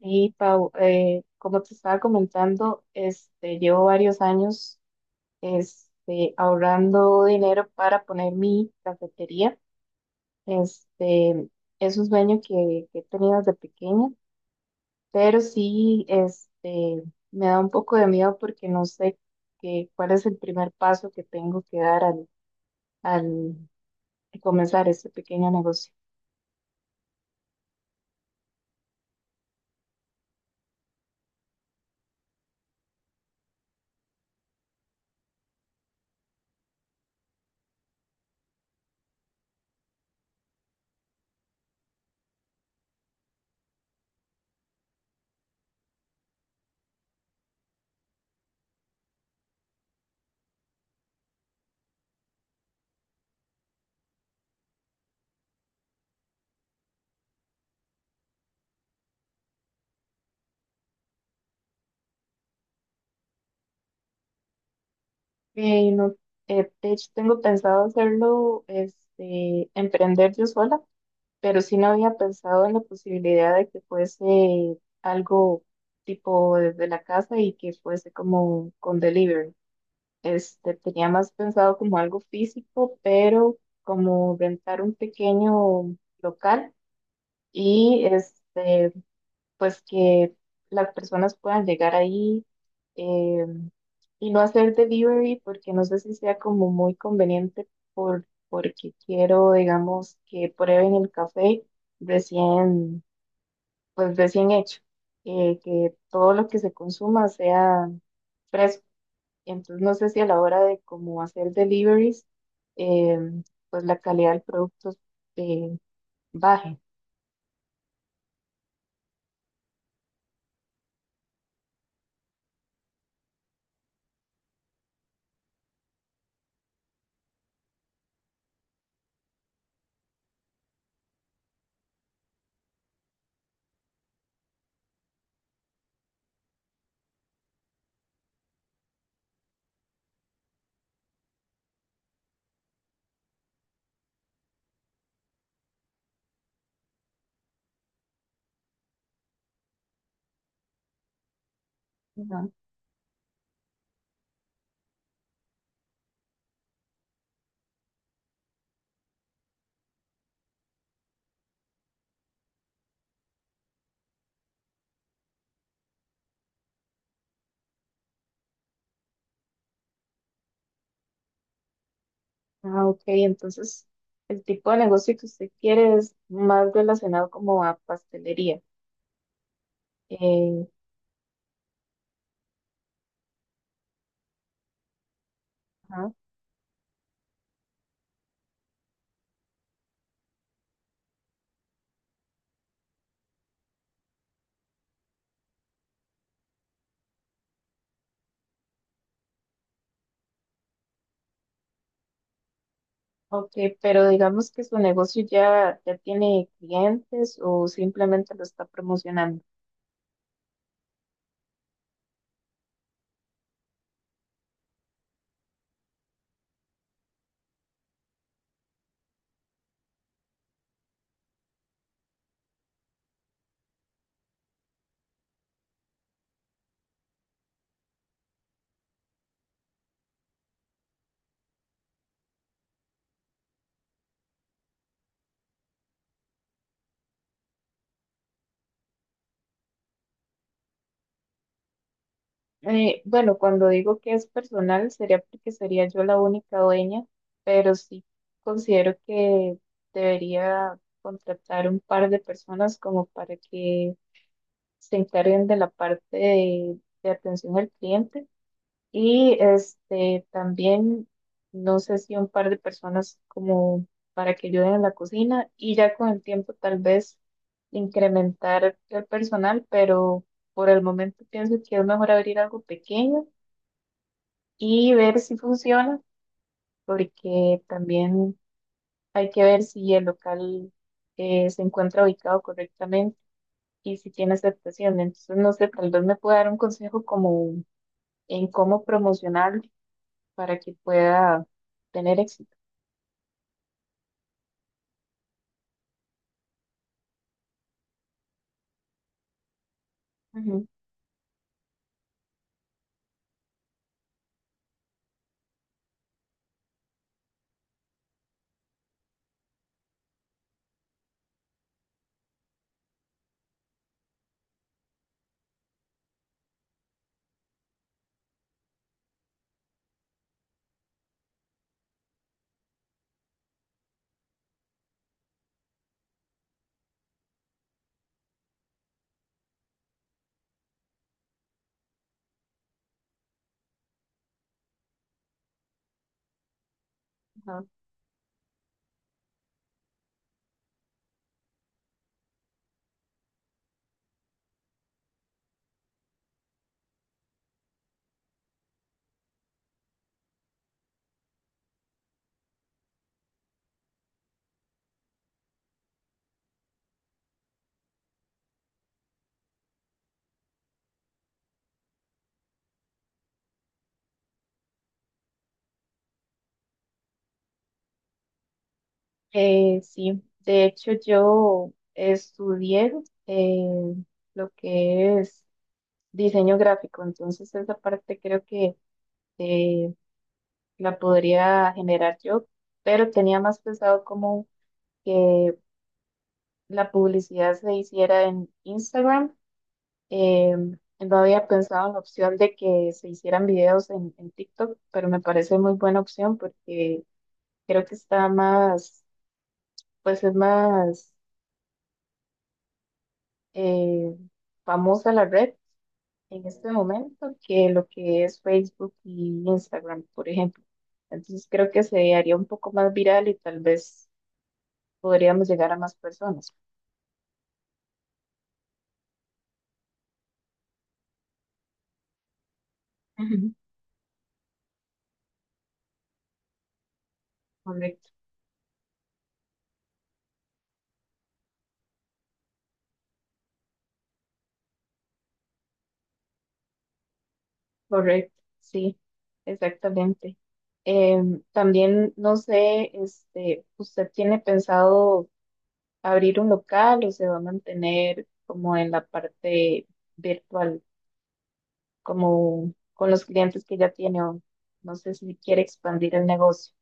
Y Pau, como te estaba comentando, llevo varios años ahorrando dinero para poner mi cafetería. Este, es un sueño que he tenido desde pequeña, pero sí me da un poco de miedo porque no sé cuál es el primer paso que tengo que dar al comenzar este pequeño negocio. No, de hecho, tengo pensado hacerlo, emprender yo sola. Pero sí no había pensado en la posibilidad de que fuese algo tipo desde la casa y que fuese como con delivery. Tenía más pensado como algo físico, pero como rentar un pequeño local y pues que las personas puedan llegar ahí, eh, y no hacer delivery porque no sé si sea como muy conveniente porque quiero, digamos, que prueben el café recién, pues recién hecho, que todo lo que se consuma sea fresco. Entonces no sé si a la hora de cómo hacer deliveries, eh, pues la calidad del producto, eh, baje. ¿No? Ah, ok, entonces el tipo de negocio que usted quiere es más relacionado como a pastelería. Eh, ajá, ok, pero digamos que su negocio ya tiene clientes o simplemente lo está promocionando. Bueno, cuando digo que es personal, sería porque sería yo la única dueña, pero sí considero que debería contratar un par de personas como para que se encarguen de la parte de atención al cliente. Y este también, no sé si un par de personas como para que ayuden en la cocina y ya con el tiempo tal vez incrementar el personal, pero por el momento pienso que es mejor abrir algo pequeño y ver si funciona, porque también hay que ver si el local, se encuentra ubicado correctamente y si tiene aceptación. Entonces, no sé, tal vez me pueda dar un consejo como en cómo promocionar para que pueda tener éxito. Ujú. Ajá. Sí, de hecho yo estudié, eh, lo que es diseño gráfico, entonces esa parte creo que, eh, la podría generar yo, pero tenía más pensado como que la publicidad se hiciera en Instagram. eh, no había pensado en la opción de que se hicieran videos en TikTok, pero me parece muy buena opción porque creo que está más, pues es más, eh, famosa la red en este momento que lo que es Facebook y Instagram, por ejemplo. Entonces creo que se haría un poco más viral y tal vez podríamos llegar a más personas. Ujú. Correcto, correcto, sí, exactamente. También, no sé, ¿usted tiene pensado abrir un local o se va a mantener como en la parte virtual? Como con los clientes que ya tiene o no sé si quiere expandir el negocio,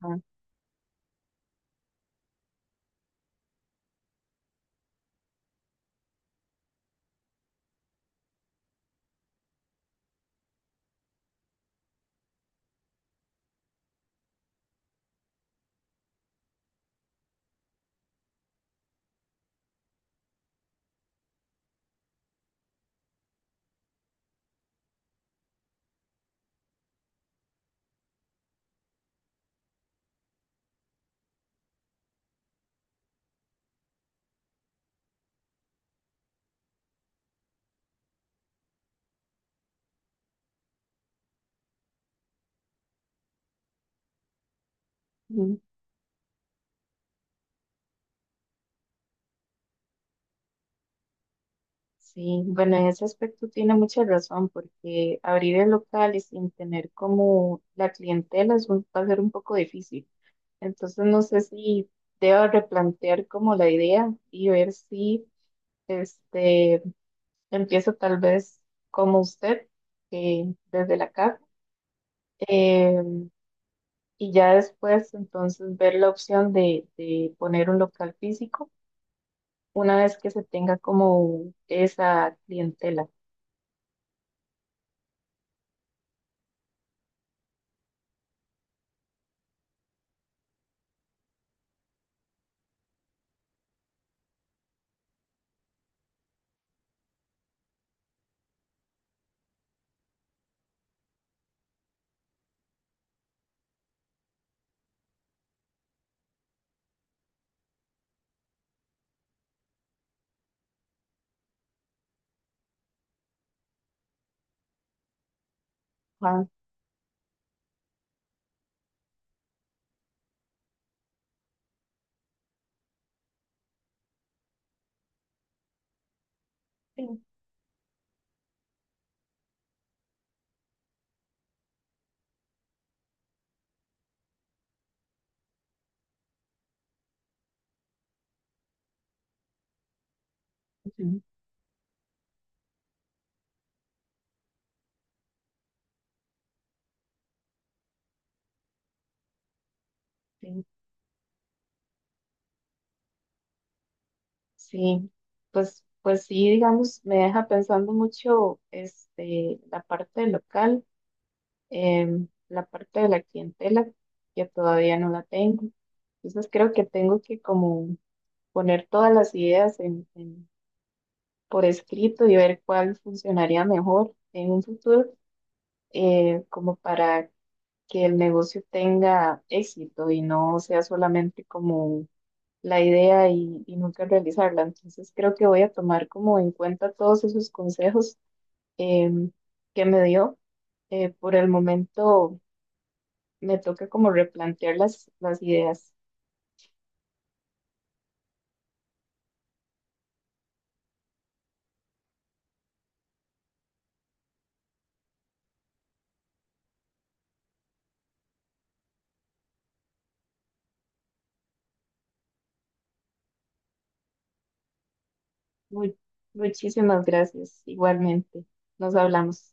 ¿no? Ujú. Sí, bueno, en ese aspecto tiene mucha razón porque abrir el local y sin tener como la clientela va a ser un poco difícil. Entonces no sé si debo replantear como la idea y ver si este empiezo tal vez como usted, desde la casa. Y ya después entonces ver la opción de poner un local físico una vez que se tenga como esa clientela. Ajá. Sí, sí, sí. Sí, pues, pues sí, digamos, me deja pensando mucho este, la parte del local, la parte de la clientela, que todavía no la tengo. Entonces creo que tengo que como poner todas las ideas por escrito y ver cuál funcionaría mejor en un futuro, como para que el negocio tenga éxito y no sea solamente como la idea y nunca realizarla. Entonces creo que voy a tomar como en cuenta todos esos consejos, em, que me dio. Por el momento me toca como replantear las ideas. Mu- muchísimas gracias, igualmente. Nos hablamos.